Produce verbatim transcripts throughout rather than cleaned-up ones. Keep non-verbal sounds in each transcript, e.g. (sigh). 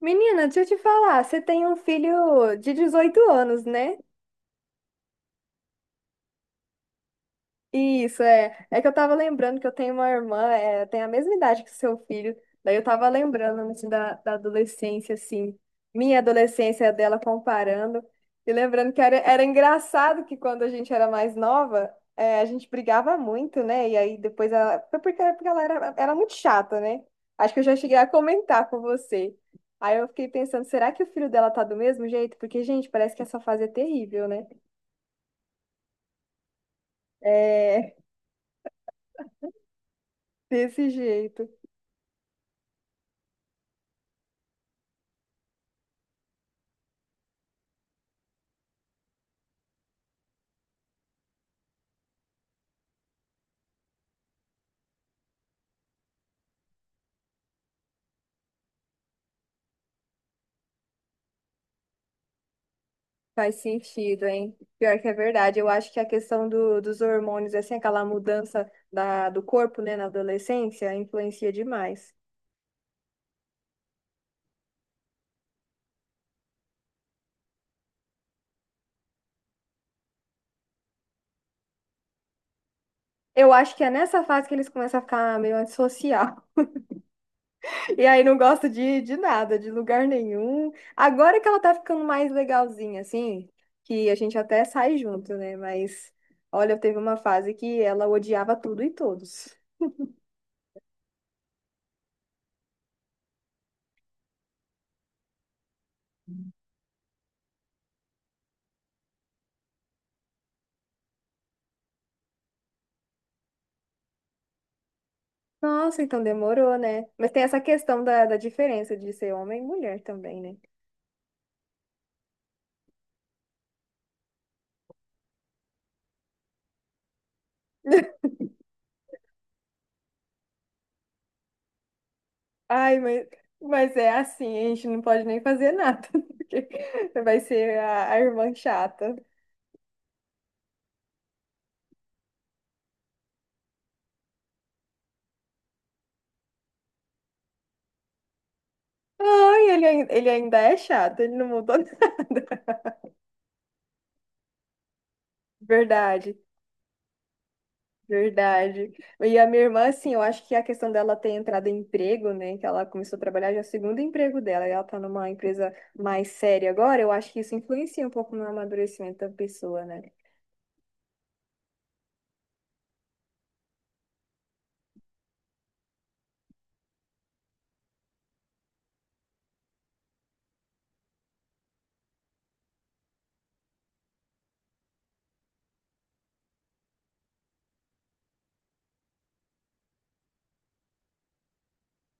Menina, deixa eu te falar, você tem um filho de dezoito anos, né? Isso, é. É que eu tava lembrando que eu tenho uma irmã, é, tem a mesma idade que o seu filho. Daí eu tava lembrando assim, da, da adolescência, assim, minha adolescência dela comparando. E lembrando que era, era engraçado que quando a gente era mais nova, é, a gente brigava muito, né? E aí depois ela. Foi porque, porque ela era, era muito chata, né? Acho que eu já cheguei a comentar com você. Aí eu fiquei pensando, será que o filho dela tá do mesmo jeito? Porque, gente, parece que essa fase é terrível, né? É, (laughs) desse jeito. Faz sentido, hein? Pior que é verdade. Eu acho que a questão do, dos hormônios, assim, aquela mudança da, do corpo, né, na adolescência, influencia demais. Eu acho que é nessa fase que eles começam a ficar meio antissocial. (laughs) E aí não gosta de, de nada, de lugar nenhum. Agora que ela tá ficando mais legalzinha, assim, que a gente até sai junto, né? Mas, olha, teve uma fase que ela odiava tudo e todos. Nossa, então demorou, né? Mas tem essa questão da, da diferença de ser homem e mulher também, né? Ai, mas, mas é assim, a gente não pode nem fazer nada, (laughs) porque vai ser a, a irmã chata. Ai, ele, ai- ele ainda é chato, ele não mudou (laughs) nada. Verdade, verdade. E a minha irmã, assim, eu acho que a questão dela ter entrado em emprego, né, que ela começou a trabalhar já é o segundo emprego dela, e ela tá numa empresa mais séria agora, eu acho que isso influencia um pouco no amadurecimento da pessoa, né?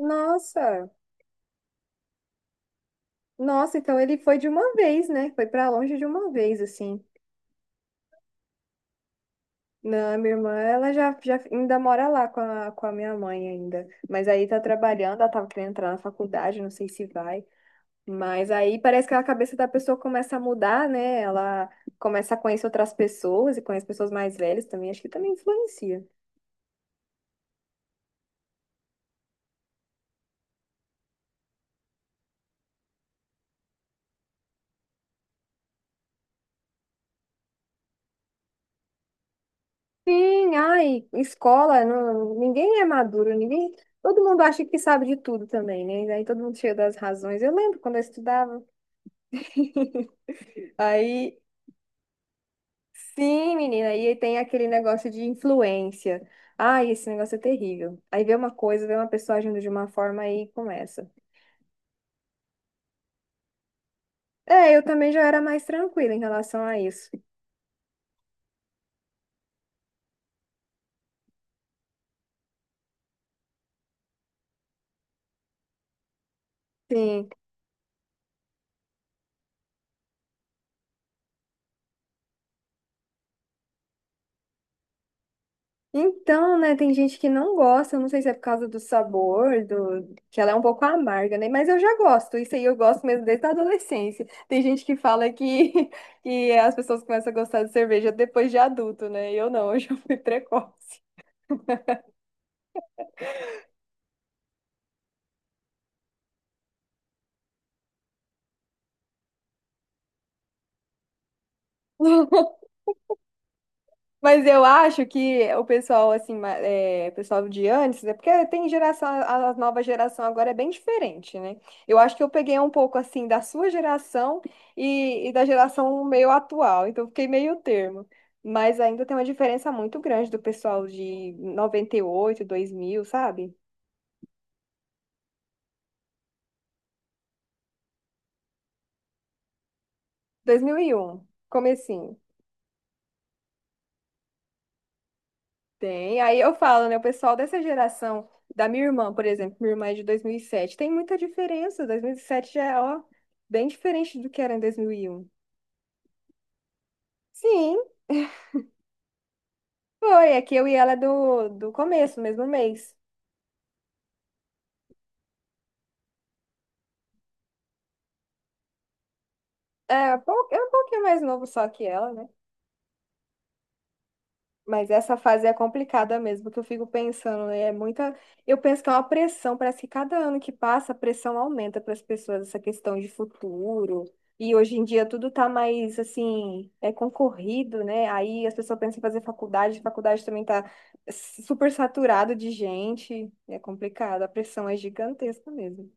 Nossa, nossa, então ele foi de uma vez, né? Foi pra longe de uma vez, assim. Não, minha irmã, ela já, já ainda mora lá com a, com a minha mãe ainda. Mas aí tá trabalhando, ela tava querendo entrar na faculdade, não sei se vai. Mas aí parece que a cabeça da pessoa começa a mudar, né? Ela começa a conhecer outras pessoas e conhece pessoas mais velhas também, acho que também influencia. Sim, ai, escola, não, ninguém é maduro, ninguém. Todo mundo acha que sabe de tudo também, né? Aí todo mundo cheio das razões. Eu lembro quando eu estudava. Aí Sim, menina, e aí tem aquele negócio de influência. Ai, esse negócio é terrível. Aí vê uma coisa, vê uma pessoa agindo de uma forma e começa. É, eu também já era mais tranquila em relação a isso. Sim. Então, né, tem gente que não gosta, eu não sei se é por causa do sabor, do que ela é um pouco amarga, né? Mas eu já gosto, isso aí eu gosto mesmo desde a adolescência. Tem gente que fala que, (laughs) que as pessoas começam a gostar de cerveja depois de adulto, né? Eu não, (laughs) eu já fui precoce. (laughs) Mas eu acho que o pessoal, assim, ma- é, pessoal de antes, é porque tem geração, a a nova geração agora é bem diferente, né? Eu acho que eu peguei um pouco, assim, da sua geração e, e da geração meio atual, então fiquei meio termo. Mas ainda tem uma diferença muito grande do pessoal de noventa e oito, dois mil, sabe? Dois mil e um, comecinho. Tem. Aí eu falo, né? O pessoal dessa geração, da minha irmã, por exemplo, minha irmã é de dois mil e sete, tem muita diferença. dois mil e sete já é, ó, bem diferente do que era em dois mil e um. Sim, (laughs) foi. É que eu e ela é do, do começo, mesmo mês. É, pou- é um pouquinho mais novo só que ela, né? Mas essa fase é complicada mesmo, que eu fico pensando, né, é muita. Eu penso que é uma pressão, parece que cada ano que passa, a pressão aumenta para as pessoas, essa questão de futuro. E hoje em dia tudo tá mais assim, é concorrido, né? Aí as pessoas pensam em fazer faculdade, faculdade também tá super saturado de gente. É complicado, a pressão é gigantesca mesmo.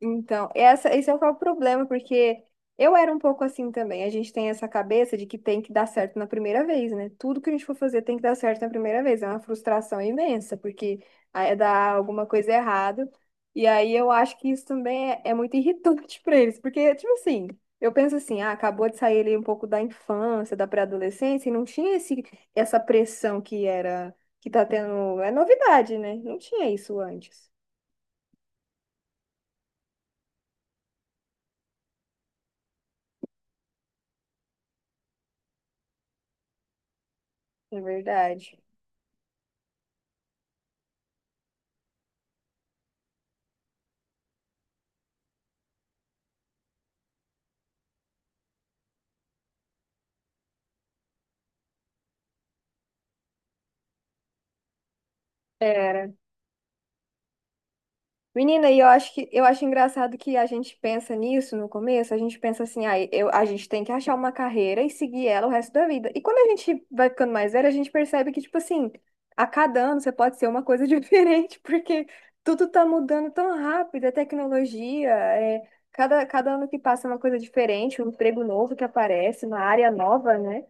Então, essa, esse é o problema, porque eu era um pouco assim também. A gente tem essa cabeça de que tem que dar certo na primeira vez, né? Tudo que a gente for fazer tem que dar certo na primeira vez. É uma frustração imensa, porque aí dá alguma coisa errada. E aí eu acho que isso também é, é muito irritante (laughs) para eles, porque, tipo assim, eu penso assim, ah, acabou de sair ali um pouco da infância, da pré-adolescência, e não tinha esse, essa pressão que era, que tá tendo. É novidade, né? Não tinha isso antes, na verdade. Era Menina, e eu acho que eu acho engraçado que a gente pensa nisso no começo, a gente pensa assim, ah, eu, a gente tem que achar uma carreira e seguir ela o resto da vida. E quando a gente vai ficando mais velha, a gente percebe que, tipo assim, a cada ano você pode ser uma coisa (laughs) diferente, porque tudo tá mudando tão rápido, a tecnologia, é, cada, cada ano que passa é uma coisa diferente, um emprego novo que aparece, uma área nova, né?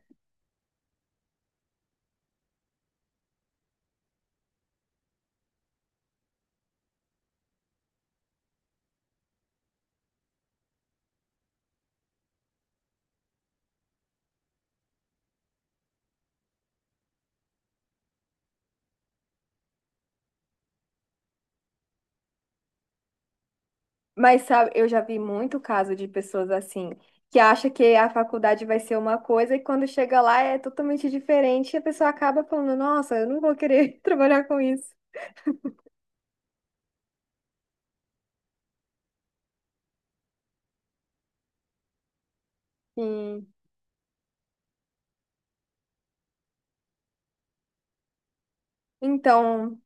Mas sabe, eu já vi muito caso de pessoas assim, que acha que a faculdade vai ser uma coisa e quando chega lá é totalmente diferente e a pessoa acaba falando, nossa, eu não vou querer (laughs) trabalhar com isso. Sim. Então,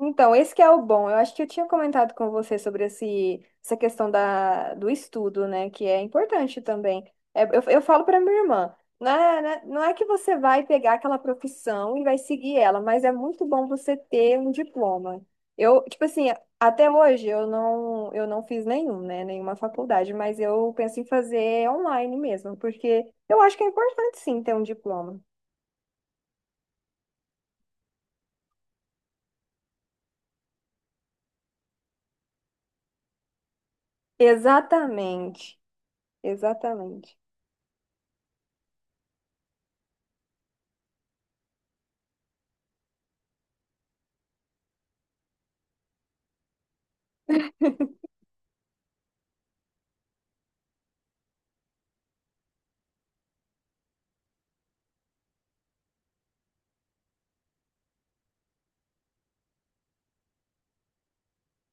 Então, esse que é o bom. Eu acho que eu tinha comentado com você sobre esse, essa questão da, do estudo, né? Que é importante também. É, eu, eu falo para minha irmã, não é, né, não é que você vai pegar aquela profissão e vai seguir ela, mas é muito bom você ter um diploma. Eu, tipo assim, até hoje eu não, eu não fiz nenhum, né? Nenhuma faculdade, mas eu penso em fazer online mesmo, porque eu acho que é importante sim ter um diploma. Exatamente, exatamente.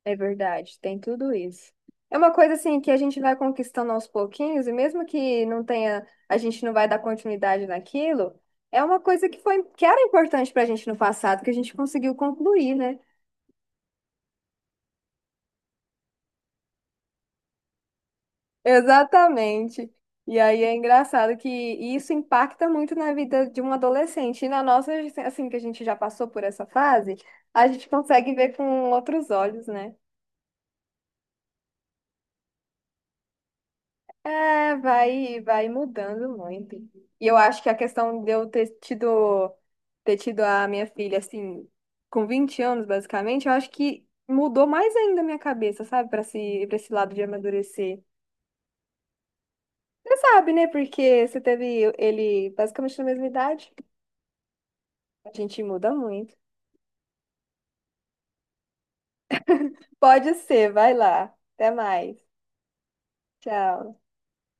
É verdade, tem tudo isso. É uma coisa assim que a gente vai conquistando aos pouquinhos, e mesmo que não tenha, a gente não vai dar continuidade naquilo, é uma coisa que foi, que era importante pra gente no passado, que a gente conseguiu concluir, né? Exatamente. E aí é engraçado que isso impacta muito na vida de um adolescente. E na nossa, assim, que a gente já passou por essa fase, a gente consegue ver com outros olhos, né? É, vai, vai mudando muito. E eu acho que a questão de eu ter tido, ter tido a minha filha, assim, com vinte anos, basicamente, eu acho que mudou mais ainda a minha cabeça, sabe? Pra esse, pra esse lado de amadurecer. Você sabe, né? Porque você teve ele basicamente na mesma idade. A gente muda muito. Pode ser, vai lá. Até mais. Tchau.